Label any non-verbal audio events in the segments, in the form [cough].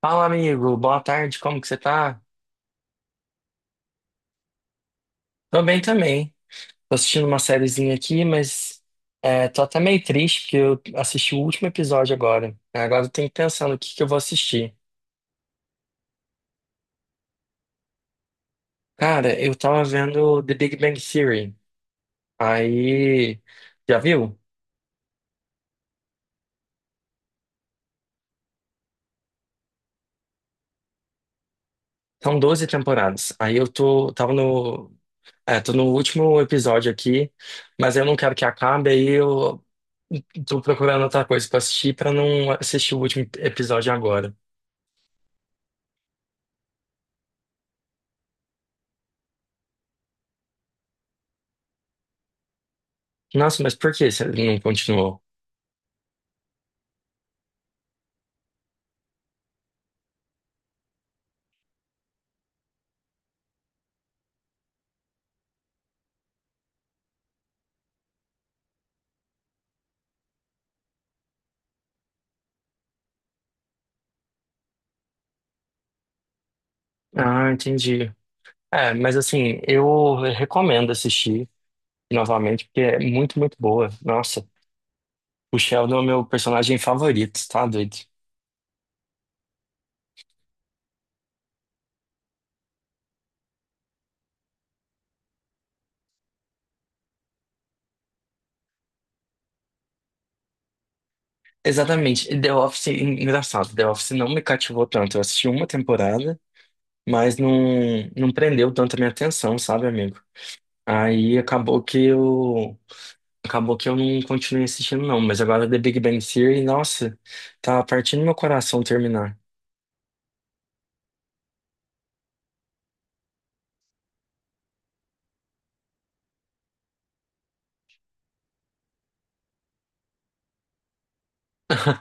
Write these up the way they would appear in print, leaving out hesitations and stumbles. Fala, amigo. Boa tarde. Como que você tá? Tô bem também. Tô assistindo uma sériezinha aqui, mas tô até meio triste porque eu assisti o último episódio agora. Agora eu tenho que pensar no que eu vou assistir. Cara, eu tava vendo The Big Bang Theory. Aí, já viu? São 12 temporadas. Aí eu tô no último episódio aqui, mas eu não quero que acabe, aí eu tô procurando outra coisa pra assistir pra não assistir o último episódio agora. Nossa, mas por que você não continuou? Ah, entendi. É, mas assim, eu recomendo assistir novamente, porque é muito, muito boa. Nossa, o Sheldon é o meu personagem favorito, tá doido? Exatamente. The Office, engraçado, The Office não me cativou tanto. Eu assisti uma temporada, mas não prendeu tanto a minha atenção, sabe, amigo? Aí acabou que eu. Acabou que eu não continuei assistindo, não. Mas agora The Big Bang Theory, nossa, tá partindo meu coração terminar. [laughs]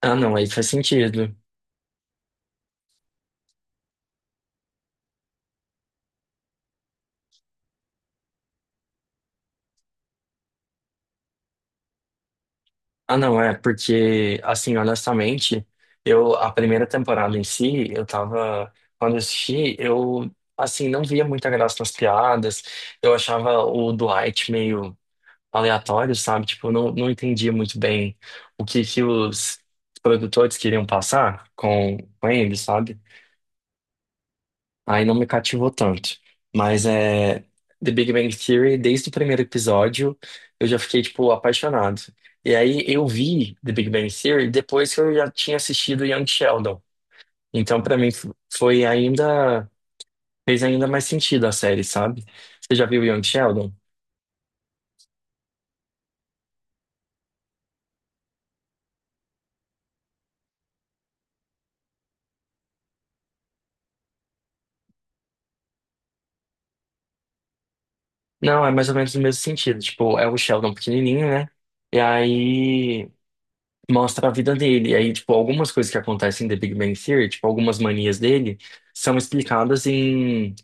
Ah, não, aí faz sentido. Ah, não, é, porque, assim, honestamente, eu, a primeira temporada em si, eu tava, quando eu assisti, eu, assim, não via muita graça nas piadas, eu achava o Dwight meio aleatório, sabe? Tipo, eu não entendia muito bem o que que os produtores queriam passar com ele, sabe? Aí não me cativou tanto. Mas é The Big Bang Theory, desde o primeiro episódio, eu já fiquei, tipo, apaixonado. E aí eu vi The Big Bang Theory depois que eu já tinha assistido Young Sheldon. Então, pra mim, foi ainda. Fez ainda mais sentido a série, sabe? Você já viu Young Sheldon? Não, é mais ou menos o mesmo sentido. Tipo, é o Sheldon pequenininho, né? E aí mostra a vida dele. E aí, tipo, algumas coisas que acontecem em The Big Bang Theory, tipo, algumas manias dele, são explicadas em,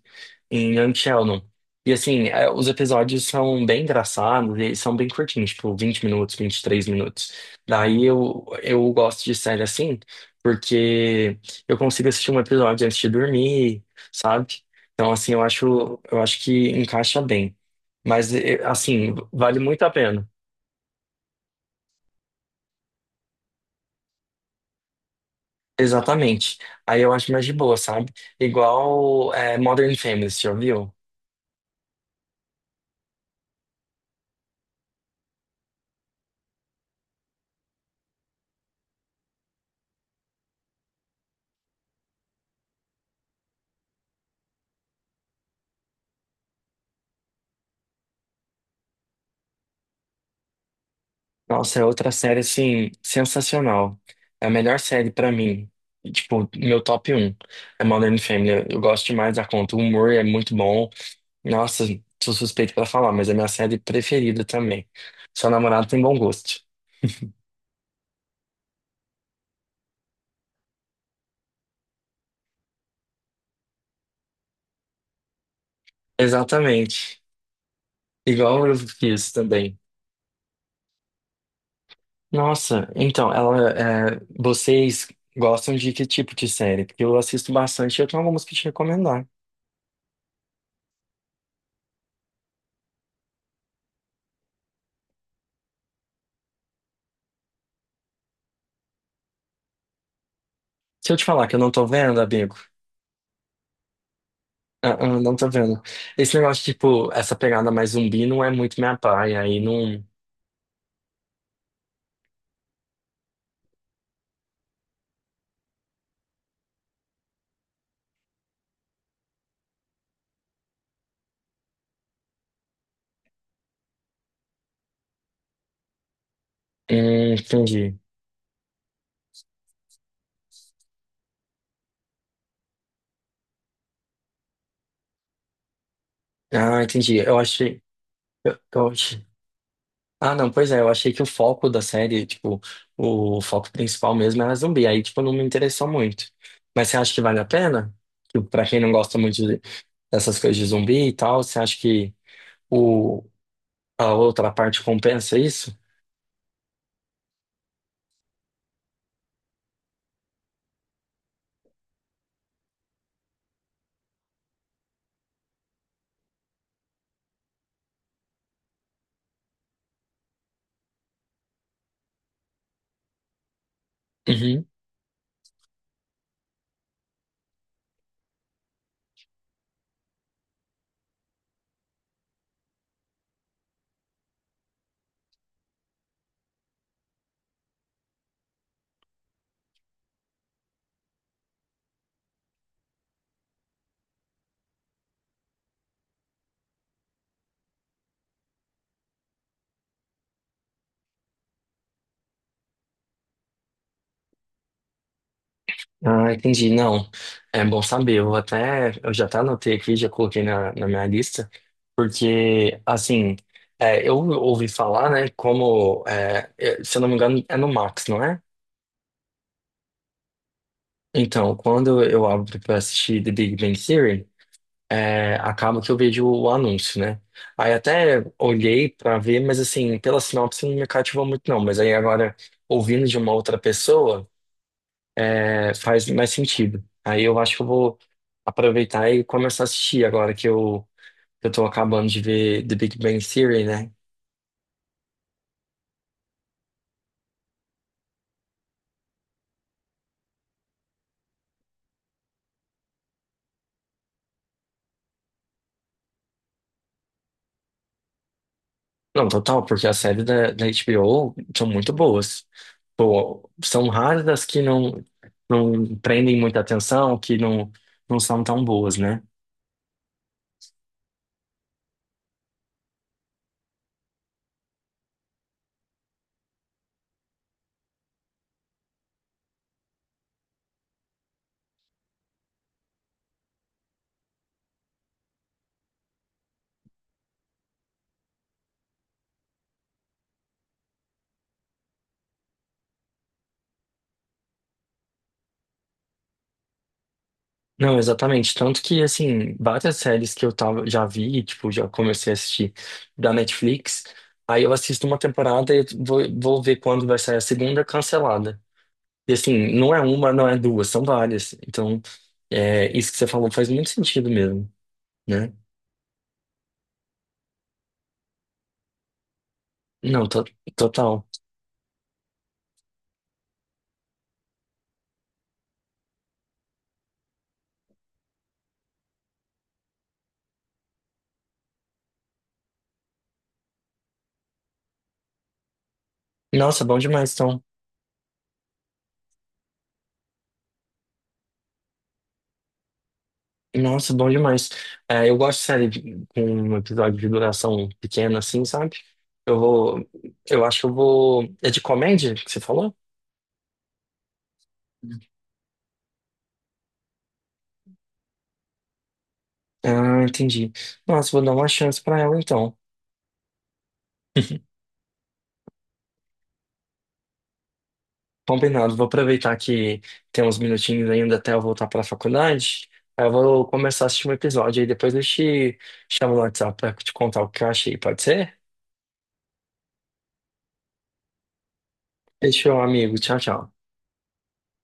em Young Sheldon. E assim, os episódios são bem engraçados eles são bem curtinhos, tipo, 20 minutos, 23 minutos. Daí eu gosto de série assim, porque eu consigo assistir um episódio antes de dormir, sabe? Então, assim, eu acho que encaixa bem. Mas, assim, vale muito a pena. Exatamente. Aí eu acho mais de boa, sabe? Igual é, Modern Family, você já viu? Nossa, é outra série, assim, sensacional. É a melhor série pra mim. Tipo, meu top 1 é Modern Family. Eu gosto demais da conta. O humor é muito bom. Nossa, sou suspeito pra falar, mas é minha série preferida também. Seu namorado tem bom gosto. Exatamente. Igual eu fiz também. Nossa, então, vocês gostam de que tipo de série? Porque eu assisto bastante e eu tenho algumas pra te recomendar. Se eu te falar que eu não tô vendo, amigo, não tô vendo. Esse negócio, tipo, essa pegada mais zumbi não é muito minha praia, aí não. Entendi. Ah, entendi. Eu achei. Eu, eu, Ah, não, pois é, eu achei que o foco da série, tipo, o foco principal mesmo era zumbi, aí, tipo, não me interessou muito. Mas você acha que vale a pena? Tipo, pra quem não gosta muito dessas coisas de zumbi e tal, você acha que o, a outra parte compensa isso? Uhum. Ah, entendi. Não, é bom saber. Eu já até anotei aqui, já coloquei na minha lista, porque, assim, eu ouvi falar, né, como, se eu não me engano, é no Max, não é? Então, quando eu abro pra assistir The Big Bang Theory, acaba que eu vejo o anúncio, né? Aí até olhei pra ver, mas assim, pela sinopse não me cativou muito não. Mas aí agora, ouvindo de uma outra pessoa, faz mais sentido. Aí eu acho que eu vou aproveitar e começar a assistir agora que eu tô acabando de ver The Big Bang Theory, né? Não, total, porque as séries da HBO são muito boas. Pô, são raras as que não prendem muita atenção, que não são tão boas, né? Não, exatamente. Tanto que, assim, várias séries que eu tava, já vi, tipo, já comecei a assistir da Netflix, aí eu assisto uma temporada e vou ver quando vai sair a segunda cancelada. E, assim, não é uma, não é duas, são várias. Então, isso que você falou faz muito sentido mesmo, né? Não, total. Nossa, bom demais, então. Nossa, bom demais. É, eu gosto de série com um episódio de duração pequena, assim, sabe? Eu vou. Eu acho que eu vou. É de comédia que você falou? Ah, entendi. Nossa, vou dar uma chance pra ela, então. Combinado, vou aproveitar que tem uns minutinhos ainda até eu voltar pra faculdade. Aí eu vou começar a assistir um episódio, aí depois eu te chamo no WhatsApp pra te contar o que eu achei, pode ser? Fechou, amigo. Tchau, tchau.